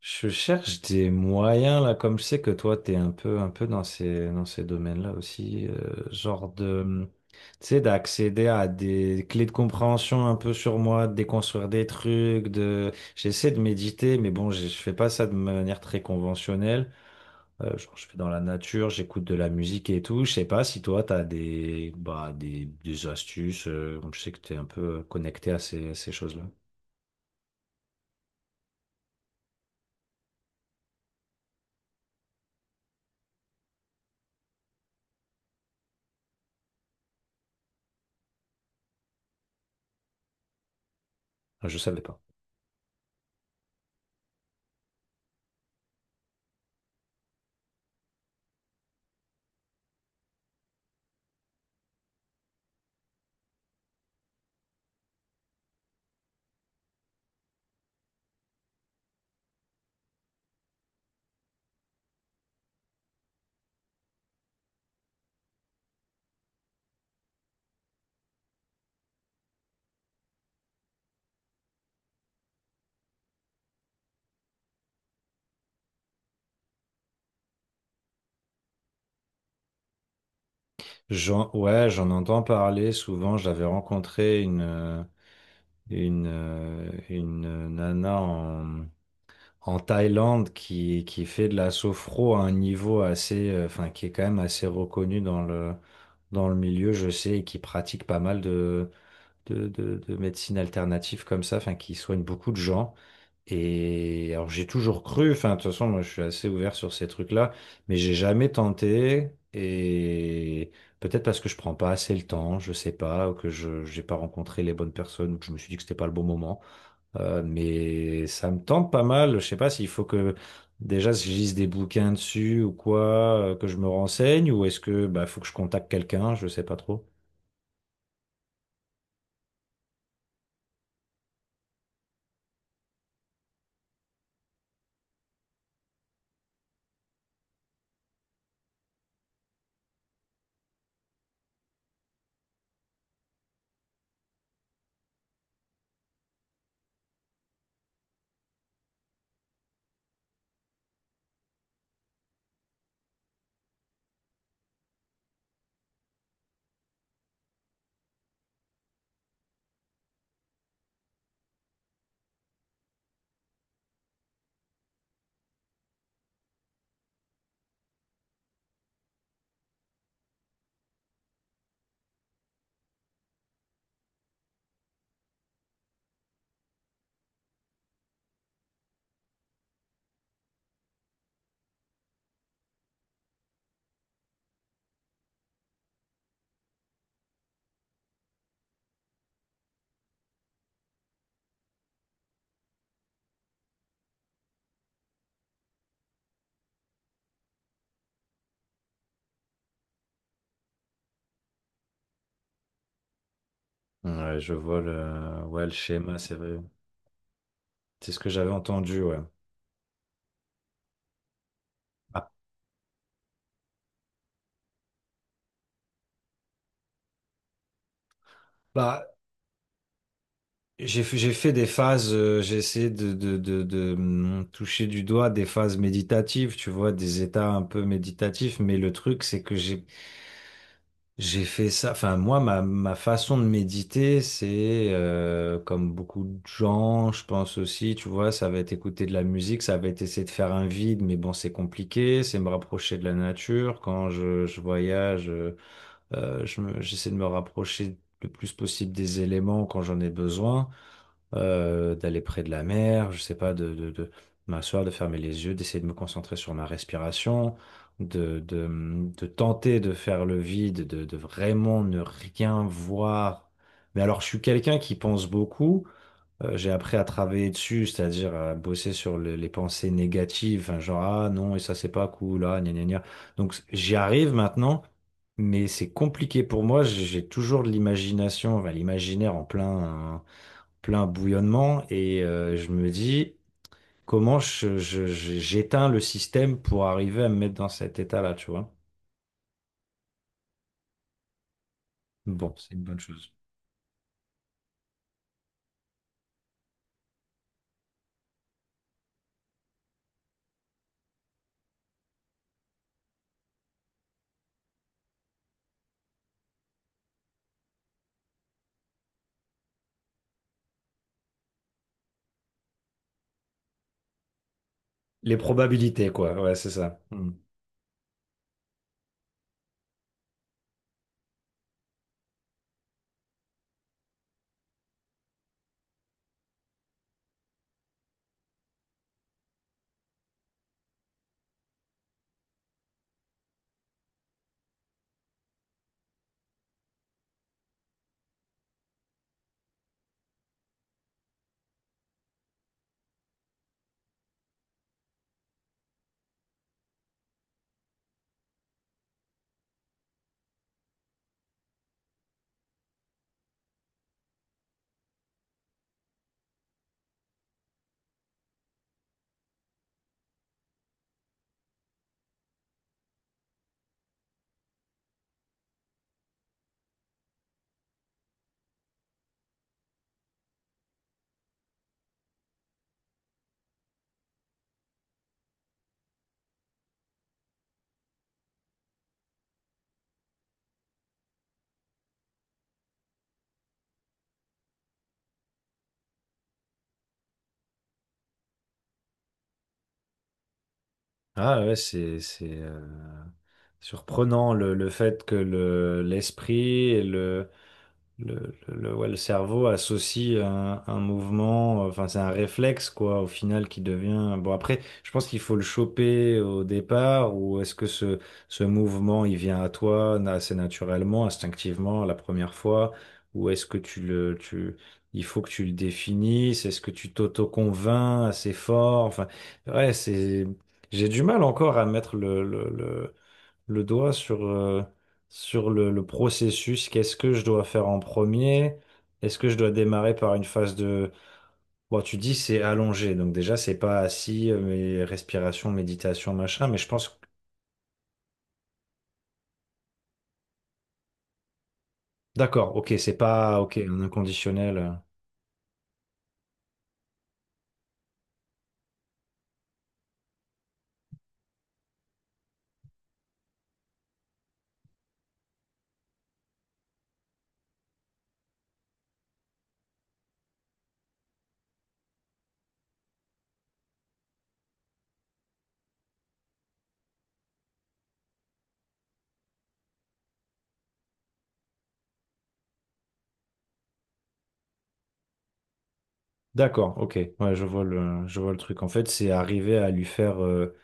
Je cherche des moyens là, comme je sais que toi t'es un peu dans ces domaines-là aussi, genre de tu sais, d'accéder à des clés de compréhension un peu sur moi, de déconstruire des trucs, de j'essaie de méditer, mais bon, je fais pas ça de manière très conventionnelle. Genre, je fais dans la nature, j'écoute de la musique et tout. Je sais pas si toi t'as des bah des astuces. Je sais que t'es un peu connecté à ces choses-là. Ah, je savais pas. Ouais, j'en entends parler souvent. J'avais rencontré une nana en Thaïlande qui fait de la sophro à un niveau assez, enfin, qui est quand même assez reconnu dans dans le milieu, je sais, et qui pratique pas mal de médecine alternative comme ça, enfin, qui soigne beaucoup de gens. Et alors j'ai toujours cru, enfin de toute façon moi je suis assez ouvert sur ces trucs-là, mais j'ai jamais tenté et peut-être parce que je prends pas assez le temps, je sais pas, ou que je j'ai pas rencontré les bonnes personnes, ou que je me suis dit que c'était pas le bon moment. Mais ça me tente pas mal, je sais pas s'il faut que déjà si je lise des bouquins dessus ou quoi, que je me renseigne, ou est-ce que bah faut que je contacte quelqu'un, je sais pas trop. Ouais, je vois le ouais le schéma, c'est vrai, c'est ce que j'avais entendu, ouais. Ah, bah, j'ai fait des phases, j'ai essayé de toucher du doigt des phases méditatives, tu vois, des états un peu méditatifs, mais le truc, c'est que j'ai fait ça, enfin, moi, ma façon de méditer, c'est, comme beaucoup de gens, je pense aussi, tu vois, ça va être écouter de la musique, ça va être essayer de faire un vide, mais bon, c'est compliqué, c'est me rapprocher de la nature, quand je voyage, je j'essaie de me rapprocher le plus possible des éléments quand j'en ai besoin, d'aller près de la mer, je sais pas, de m'asseoir, de fermer les yeux, d'essayer de me concentrer sur ma respiration, de, de, de tenter de faire le vide, de vraiment ne rien voir. Mais alors, je suis quelqu'un qui pense beaucoup. J'ai appris à travailler dessus, c'est-à-dire à bosser sur les pensées négatives, hein, genre ah non, et ça c'est pas cool, ah gna gna gna. Donc j'y arrive maintenant, mais c'est compliqué pour moi, j'ai toujours de l'imagination, enfin, l'imaginaire en plein bouillonnement et je me dis comment j'éteins le système pour arriver à me mettre dans cet état-là, tu vois. Bon, c'est une bonne chose. Les probabilités, quoi. Ouais, c'est ça. Hmm. Ah ouais, c'est surprenant le fait que le l'esprit et ouais, le cerveau associe un mouvement, enfin c'est un réflexe quoi, au final qui devient. Bon après, je pense qu'il faut le choper au départ, ou est-ce que ce mouvement il vient à toi assez naturellement, instinctivement la première fois, ou est-ce que il faut que tu le définisses, est-ce que tu t'auto-convaincs assez fort, enfin ouais c'est, j'ai du mal encore à mettre le doigt sur, sur le processus. Qu'est-ce que je dois faire en premier? Est-ce que je dois démarrer par une phase de… Bon, tu dis c'est allongé, donc déjà c'est pas assis, mais respiration, méditation, machin, mais je pense… D'accord, ok, c'est pas… Ok, un inconditionnel. D'accord, ok, ouais, je vois je vois le truc. En fait, c'est arriver à lui faire…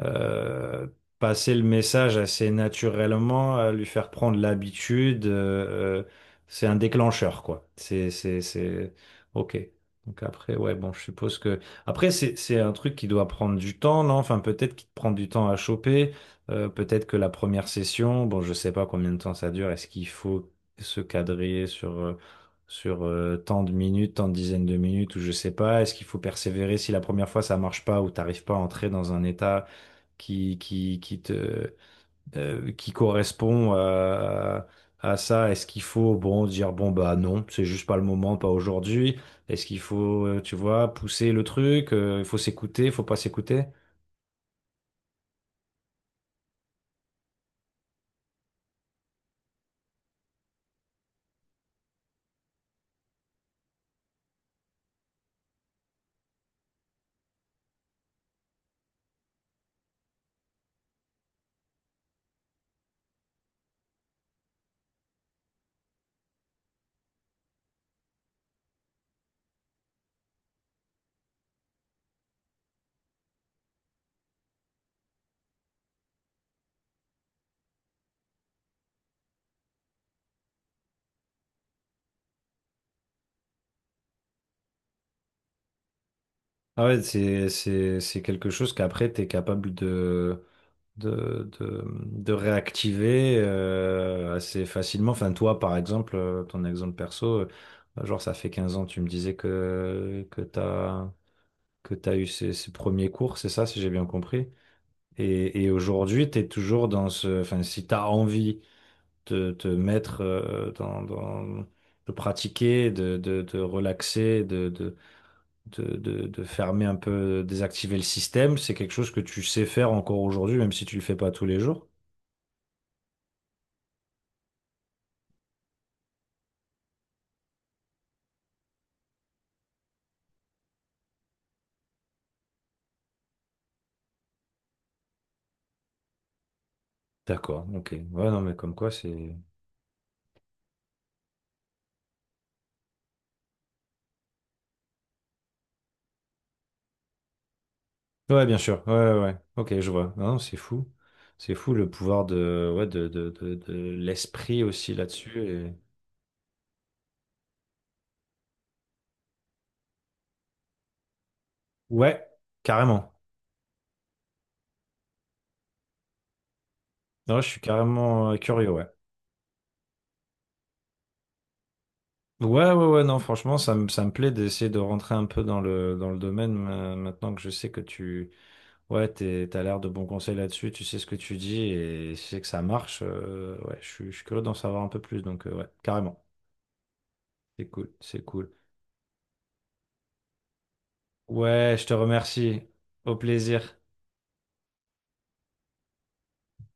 euh, passer le message assez naturellement, lui faire prendre l'habitude, c'est un déclencheur, quoi. C'est, ok. Donc après, ouais, bon, je suppose que après c'est un truc qui doit prendre du temps, non? Enfin, peut-être qu'il te prend du temps à choper. Peut-être que la première session, bon, je sais pas combien de temps ça dure. Est-ce qu'il faut se cadrer sur tant de minutes, tant de dizaines de minutes, ou je sais pas, est-ce qu'il faut persévérer si la première fois ça marche pas ou t'arrives pas à entrer dans un état qui te, qui correspond à ça. Est-ce qu'il faut, bon, dire, bon, bah non, c'est juste pas le moment, pas aujourd'hui. Est-ce qu'il faut, tu vois, pousser le truc, il faut s'écouter, il faut pas s'écouter. Ah ouais, c'est quelque chose qu'après, tu es capable de réactiver assez facilement. Enfin, toi, par exemple, ton exemple perso, genre, ça fait 15 ans, tu me disais que tu as eu ces premiers cours, c'est ça, si j'ai bien compris. Et aujourd'hui, tu es toujours dans ce… Enfin, si tu as envie de te mettre dans, de pratiquer, de relaxer, de fermer un peu, désactiver le système, c'est quelque chose que tu sais faire encore aujourd'hui, même si tu le fais pas tous les jours. D'accord, ok. Ouais, non, mais comme quoi, c'est… Ouais, bien sûr. Ouais, ouais, ouais. Ok, je vois. Non, c'est fou. C'est fou le pouvoir de, ouais, de l'esprit aussi là-dessus. Ouais, carrément. Non, je suis carrément curieux, ouais. Ouais, ouais, ouais, non, franchement, ça me plaît d'essayer de rentrer un peu dans dans le domaine maintenant que je sais que tu, ouais, t'as l'air de bons conseils là-dessus, tu sais ce que tu dis et tu sais que ça marche. Ouais, je suis curieux d'en savoir un peu plus, donc ouais, carrément. C'est cool, c'est cool. Ouais, je te remercie. Au plaisir.